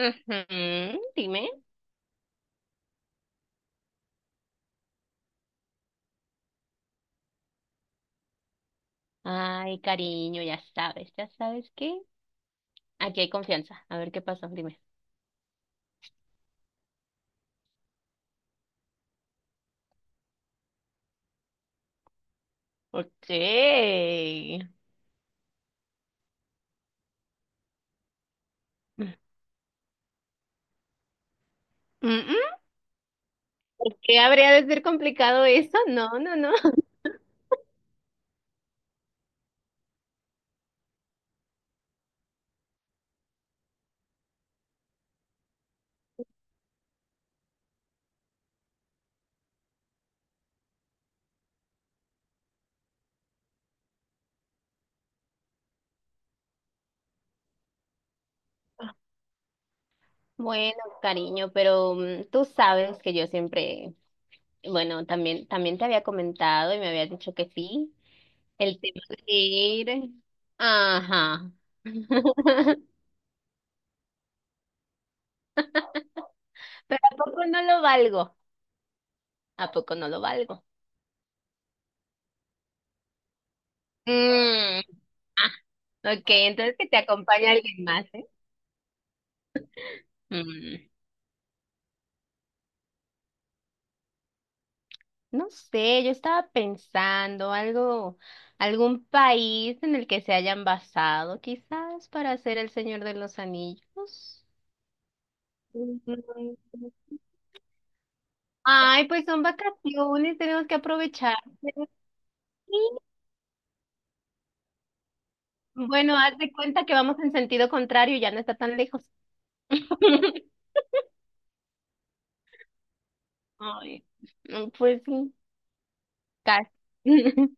Ujú, dime. Ay, cariño, ya sabes que aquí hay confianza. A ver qué pasó, dime. Okay. Mm, ¿por qué habría de ser complicado eso? No, no, no. Bueno, cariño, pero tú sabes que yo siempre, bueno, también te había comentado y me habías dicho que sí, el tema de ir. Ajá. Pero ¿a poco no lo valgo? ¿A poco no lo valgo? Mm. Ok, entonces que te acompañe alguien más, ¿eh? Mm, No sé, yo estaba pensando algo, algún país en el que se hayan basado, quizás para hacer El Señor de los Anillos. mm, Ay, pues son vacaciones, tenemos que aprovechar. Sí. Bueno, haz de cuenta que vamos en sentido contrario, ya no está tan lejos. Ay, pues sí, casi.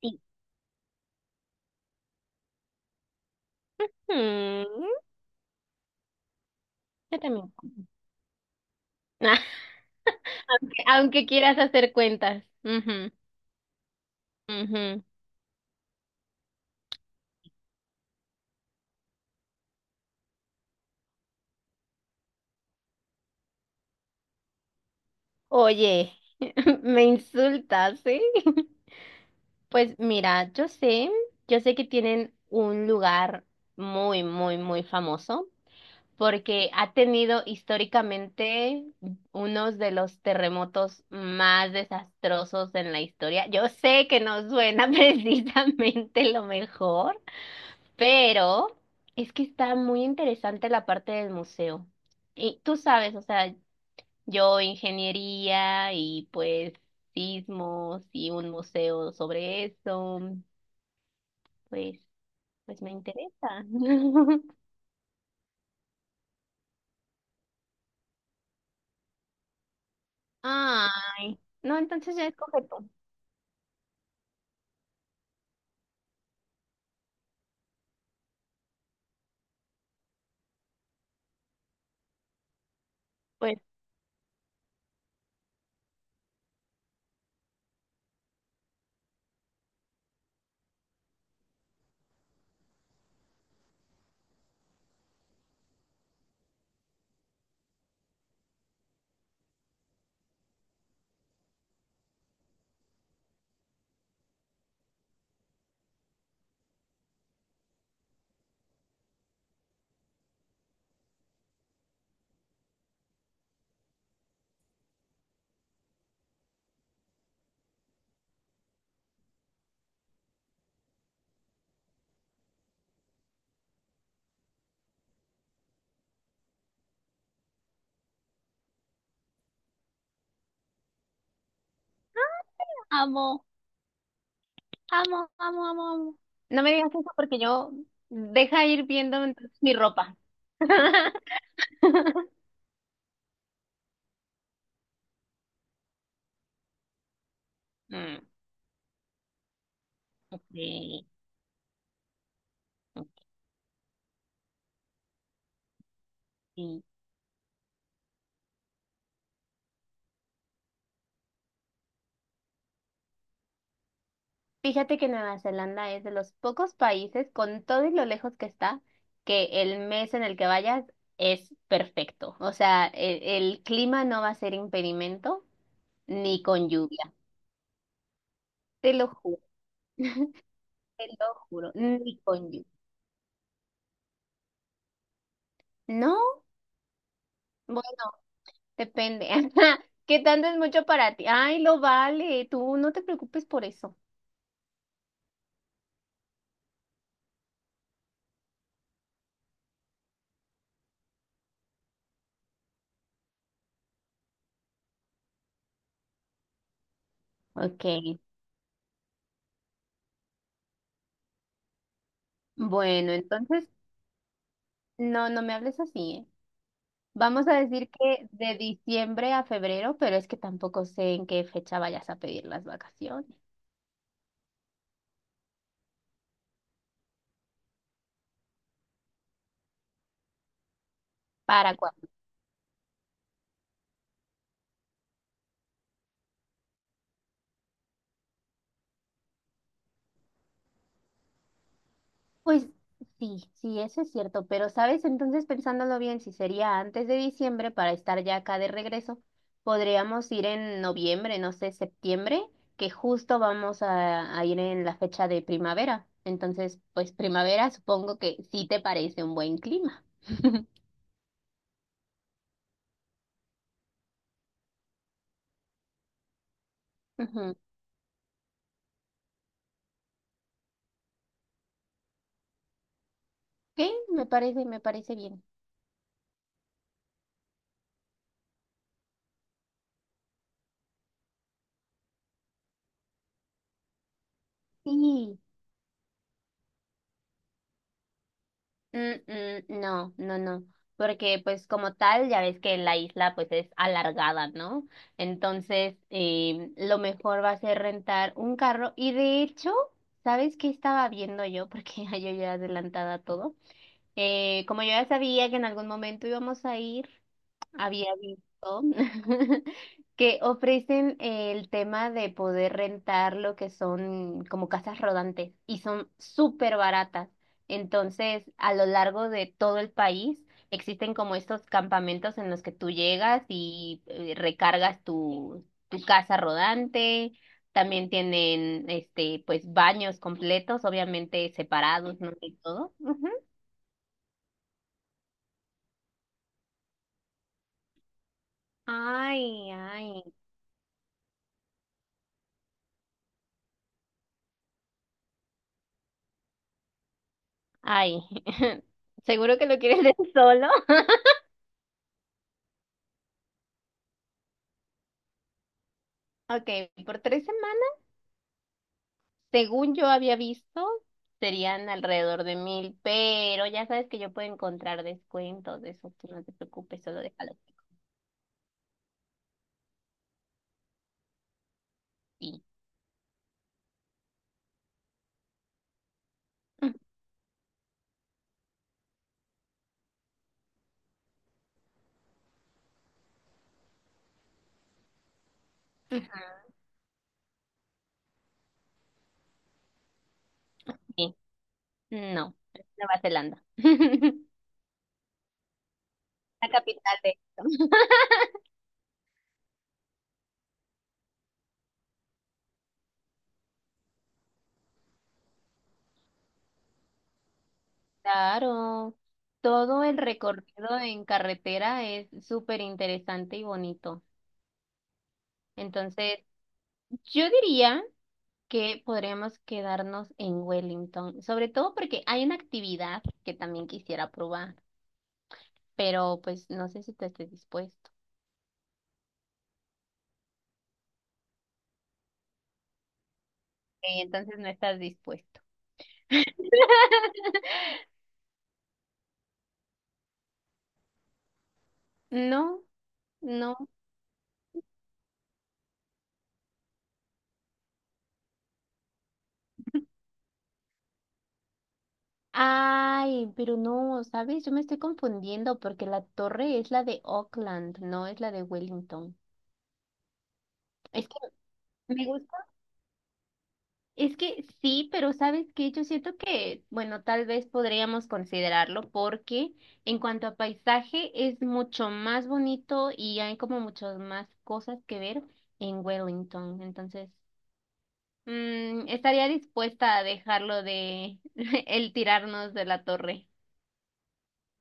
Sí. Mm, yo también. Aunque quieras hacer cuentas. Ujú, ujú. Oye, me insultas, ¿sí? Pues mira, yo sé que tienen un lugar muy, muy, muy famoso porque ha tenido históricamente unos de los terremotos más desastrosos en la historia. Yo sé que no suena precisamente lo mejor, pero es que está muy interesante la parte del museo. Y tú sabes, o sea, yo ingeniería y pues sismos y un museo sobre eso, pues, pues me interesa. Ay, no, entonces ya escoge tú. Pues amo, amo, amo, amo, amo. No me digas eso porque yo deja ir viendo entonces mi ropa. Mm, ok, ok. Fíjate que Nueva Zelanda es de los pocos países, con todo y lo lejos que está, que el mes en el que vayas es perfecto. O sea, el clima no va a ser impedimento ni con lluvia. Te lo juro, te lo juro, ni con lluvia. No, bueno, depende. ¿Qué tanto es mucho para ti? Ay, lo vale, tú no te preocupes por eso. Ok, bueno, entonces, no, no me hables así, ¿eh? Vamos a decir que de diciembre a febrero, pero es que tampoco sé en qué fecha vayas a pedir las vacaciones. ¿Para cuándo? Pues sí, sí, eso es cierto, pero sabes, entonces pensándolo bien, si sería antes de diciembre para estar ya acá de regreso, podríamos ir en noviembre, no sé, septiembre, que justo vamos a ir en la fecha de primavera. Entonces, pues primavera supongo que sí te parece un buen clima. Ujú. Ok, me parece bien. Sí, mm, mm, no, no, no, porque pues como tal, ya ves que la isla pues es alargada, ¿no? Entonces, lo mejor va a ser rentar un carro y de hecho, ¿sabes qué estaba viendo yo? Porque yo ya adelantada a todo. Como yo ya sabía que en algún momento íbamos a ir, había visto que ofrecen el tema de poder rentar lo que son como casas rodantes y son súper baratas. Entonces, a lo largo de todo el país existen como estos campamentos en los que tú llegas y recargas tu casa rodante. También tienen este pues baños completos, obviamente separados, no de todo. Ujú. Ay, ay. Ay, seguro que lo quieres leer solo. Ok, por 3 semanas, según yo había visto, serían alrededor de mil, pero ya sabes que yo puedo encontrar descuentos de eso, tú no te preocupes, solo déjalo. Sí. Sí. No, es Nueva Zelanda. La capital de esto. Claro, todo el recorrido en carretera es súper interesante y bonito. Entonces, yo diría que podríamos quedarnos en Wellington, sobre todo porque hay una actividad que también quisiera probar, pero pues no sé si tú estés dispuesto. Entonces no estás dispuesto. No, no. Ay, pero no, ¿sabes? Yo me estoy confundiendo porque la torre es la de Auckland, no es la de Wellington. Es que me gusta. Es que sí, pero sabes que yo siento que, bueno, tal vez podríamos considerarlo porque en cuanto a paisaje es mucho más bonito y hay como muchas más cosas que ver en Wellington. Entonces, estaría dispuesta a dejarlo de el tirarnos de la torre.